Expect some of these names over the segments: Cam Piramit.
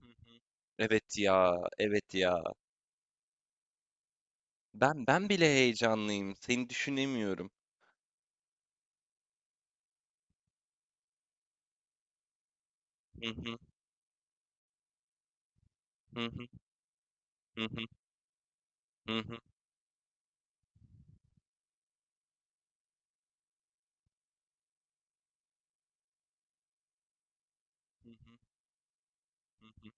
Hı hı. Evet ya, evet ya. Ben bile heyecanlıyım. Seni düşünemiyorum. Hı hı, hı hı, hı hı, hı hı, hı hı, hı hı.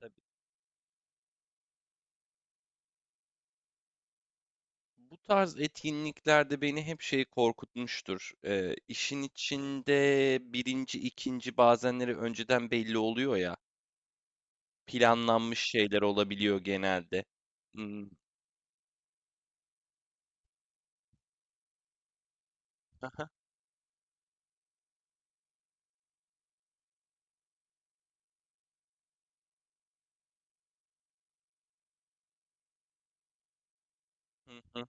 Tabii. Bu tarz etkinliklerde beni hep şey korkutmuştur. İşin içinde birinci, ikinci bazenleri önceden belli oluyor ya. Planlanmış şeyler olabiliyor genelde. Hmm. Aha, hı hı,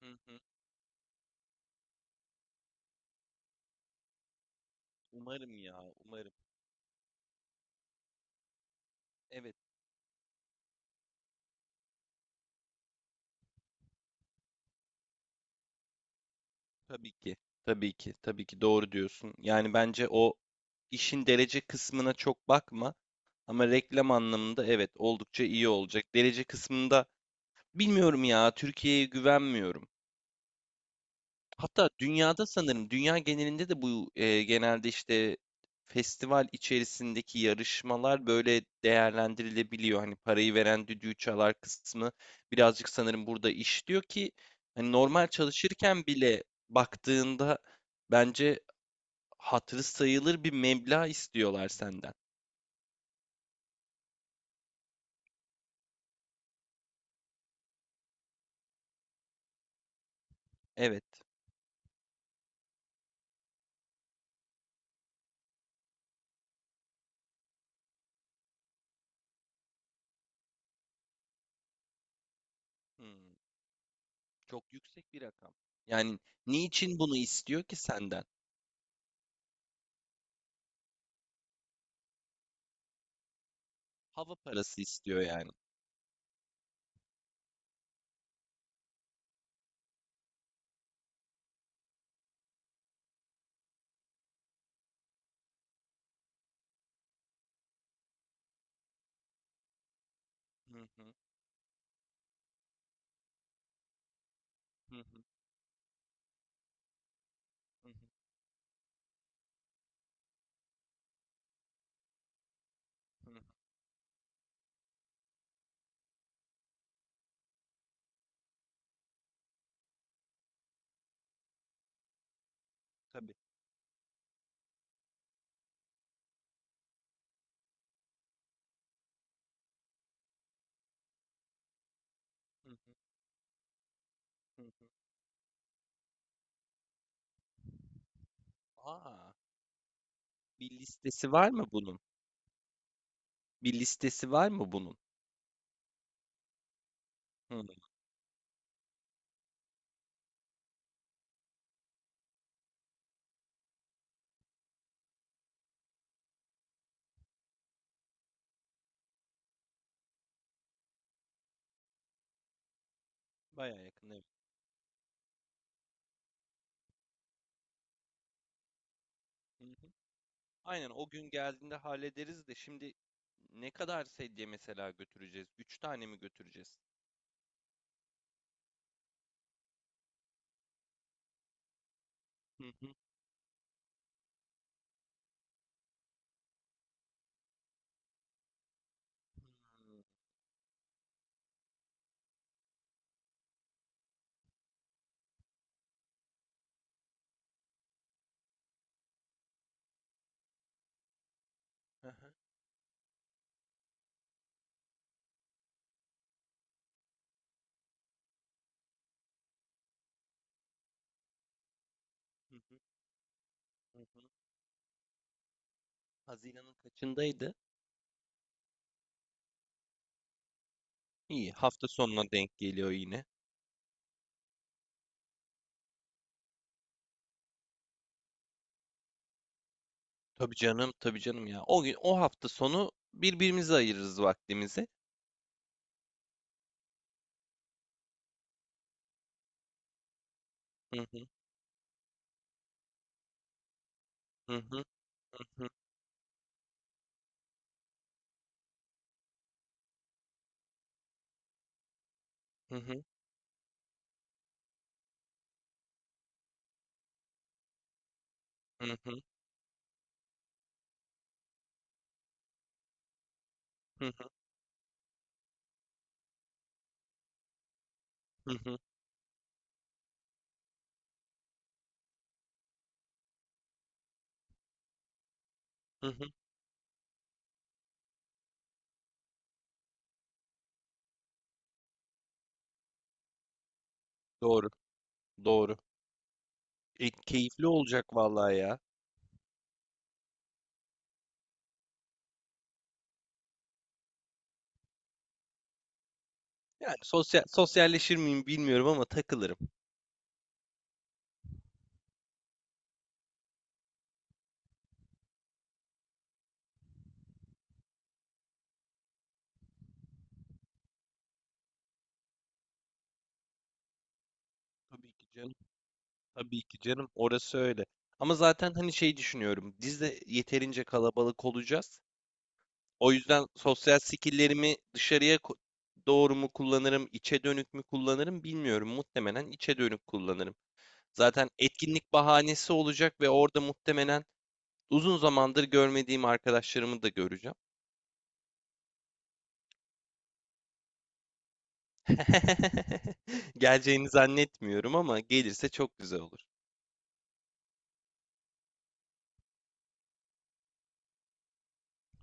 hı hı. Umarım ya, umarım. Evet, tabii ki. Tabii ki, tabii ki doğru diyorsun. Yani bence o İşin derece kısmına çok bakma, ama reklam anlamında evet oldukça iyi olacak. Derece kısmında bilmiyorum ya, Türkiye'ye güvenmiyorum. Hatta dünyada sanırım dünya genelinde de bu genelde işte festival içerisindeki yarışmalar böyle değerlendirilebiliyor. Hani parayı veren düdüğü çalar kısmı birazcık sanırım burada işliyor ki hani normal çalışırken bile baktığında bence hatırı sayılır bir meblağ istiyorlar senden. Evet. Hımm. Çok yüksek bir rakam. Yani, niçin bunu istiyor ki senden? Hava parası istiyor yani. Hı hı. Hı hı. Hı hı. Hı hı. Tabii. Hı hı. Hı hı. A! Bir listesi var mı bunun? Bir listesi var mı bunun? Hımm. Bayağı yakın, evet. Hı hı. Aynen, o gün geldiğinde hallederiz de şimdi ne kadar sedye mesela götüreceğiz? 3 tane mi götüreceğiz? Hı hı. Hı hı. Hı hı. Hı hı. Haziran'ın kaçındaydı? İyi, hafta sonuna denk geliyor yine. Tabii canım, tabii canım ya. O gün, o hafta sonu birbirimize ayırırız vaktimizi. Hı hı, hı hı, hı hı, hı hı, hı hı, hı hı, hı hı, hı hı. Doğru, doğru. E, keyifli olacak vallahi ya. Yani sosyal, sosyalleşir miyim bilmiyorum ama takılırım. Tabii ki canım, tabii ki canım. Orası öyle. Ama zaten hani şey düşünüyorum. Biz de yeterince kalabalık olacağız. O yüzden sosyal skill'lerimi dışarıya doğru mu kullanırım, içe dönük mü kullanırım bilmiyorum. Muhtemelen içe dönük kullanırım. Zaten etkinlik bahanesi olacak ve orada muhtemelen uzun zamandır görmediğim arkadaşlarımı da göreceğim. Geleceğini zannetmiyorum ama gelirse çok güzel olur.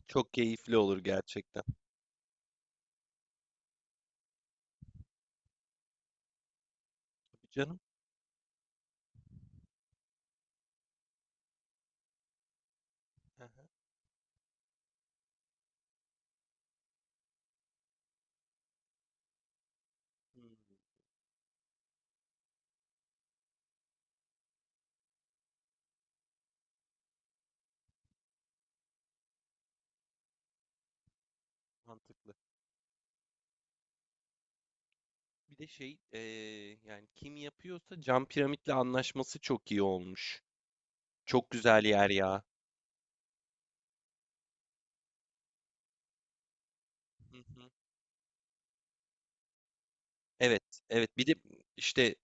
Çok keyifli olur gerçekten. Tabii canım. Aha, hmm, mantıklı. Bir de şey, yani kim yapıyorsa cam piramitle anlaşması çok iyi olmuş. Çok güzel yer ya. Hı hı. Evet, evet. Bir de işte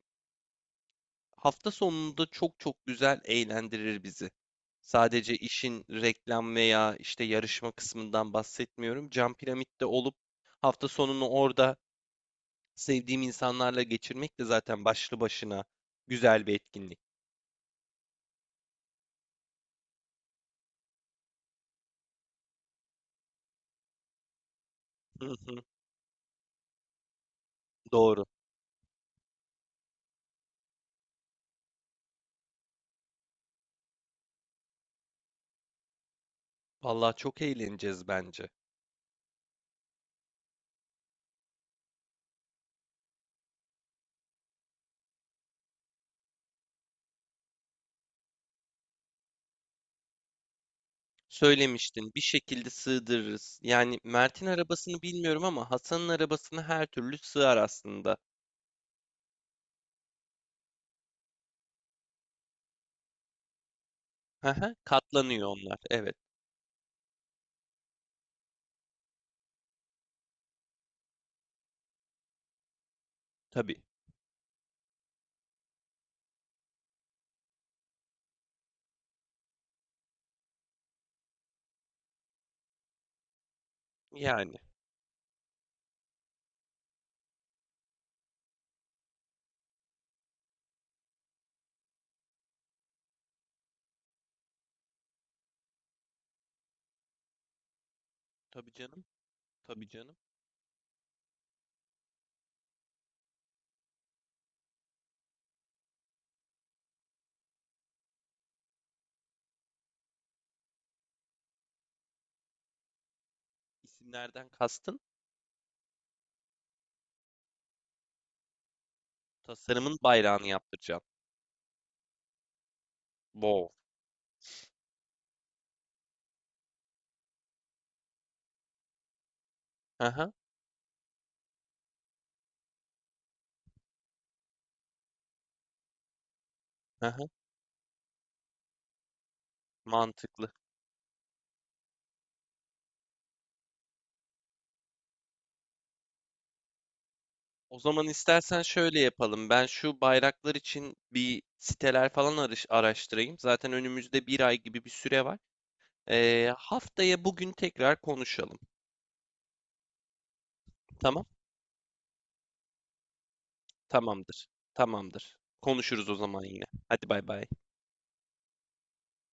hafta sonunda çok çok güzel eğlendirir bizi. Sadece işin reklam veya işte yarışma kısmından bahsetmiyorum. Cam Piramit'te olup hafta sonunu orada sevdiğim insanlarla geçirmek de zaten başlı başına güzel bir etkinlik. Hı hı, doğru. Vallahi çok eğleneceğiz bence. Söylemiştin, bir şekilde sığdırırız. Yani Mert'in arabasını bilmiyorum ama Hasan'ın arabasını her türlü sığar aslında. Hı hı, katlanıyor onlar. Evet, tabii. Yani. Tabii canım. Tabii canım. İsimlerden kastın tasarımın bayrağını yaptıracağım. Wow. Aha, aha, mantıklı. O zaman istersen şöyle yapalım. Ben şu bayraklar için bir siteler falan araştırayım. Zaten önümüzde bir ay gibi bir süre var. Haftaya bugün tekrar konuşalım. Tamam? Tamamdır. Tamamdır. Konuşuruz o zaman yine. Hadi bay bay.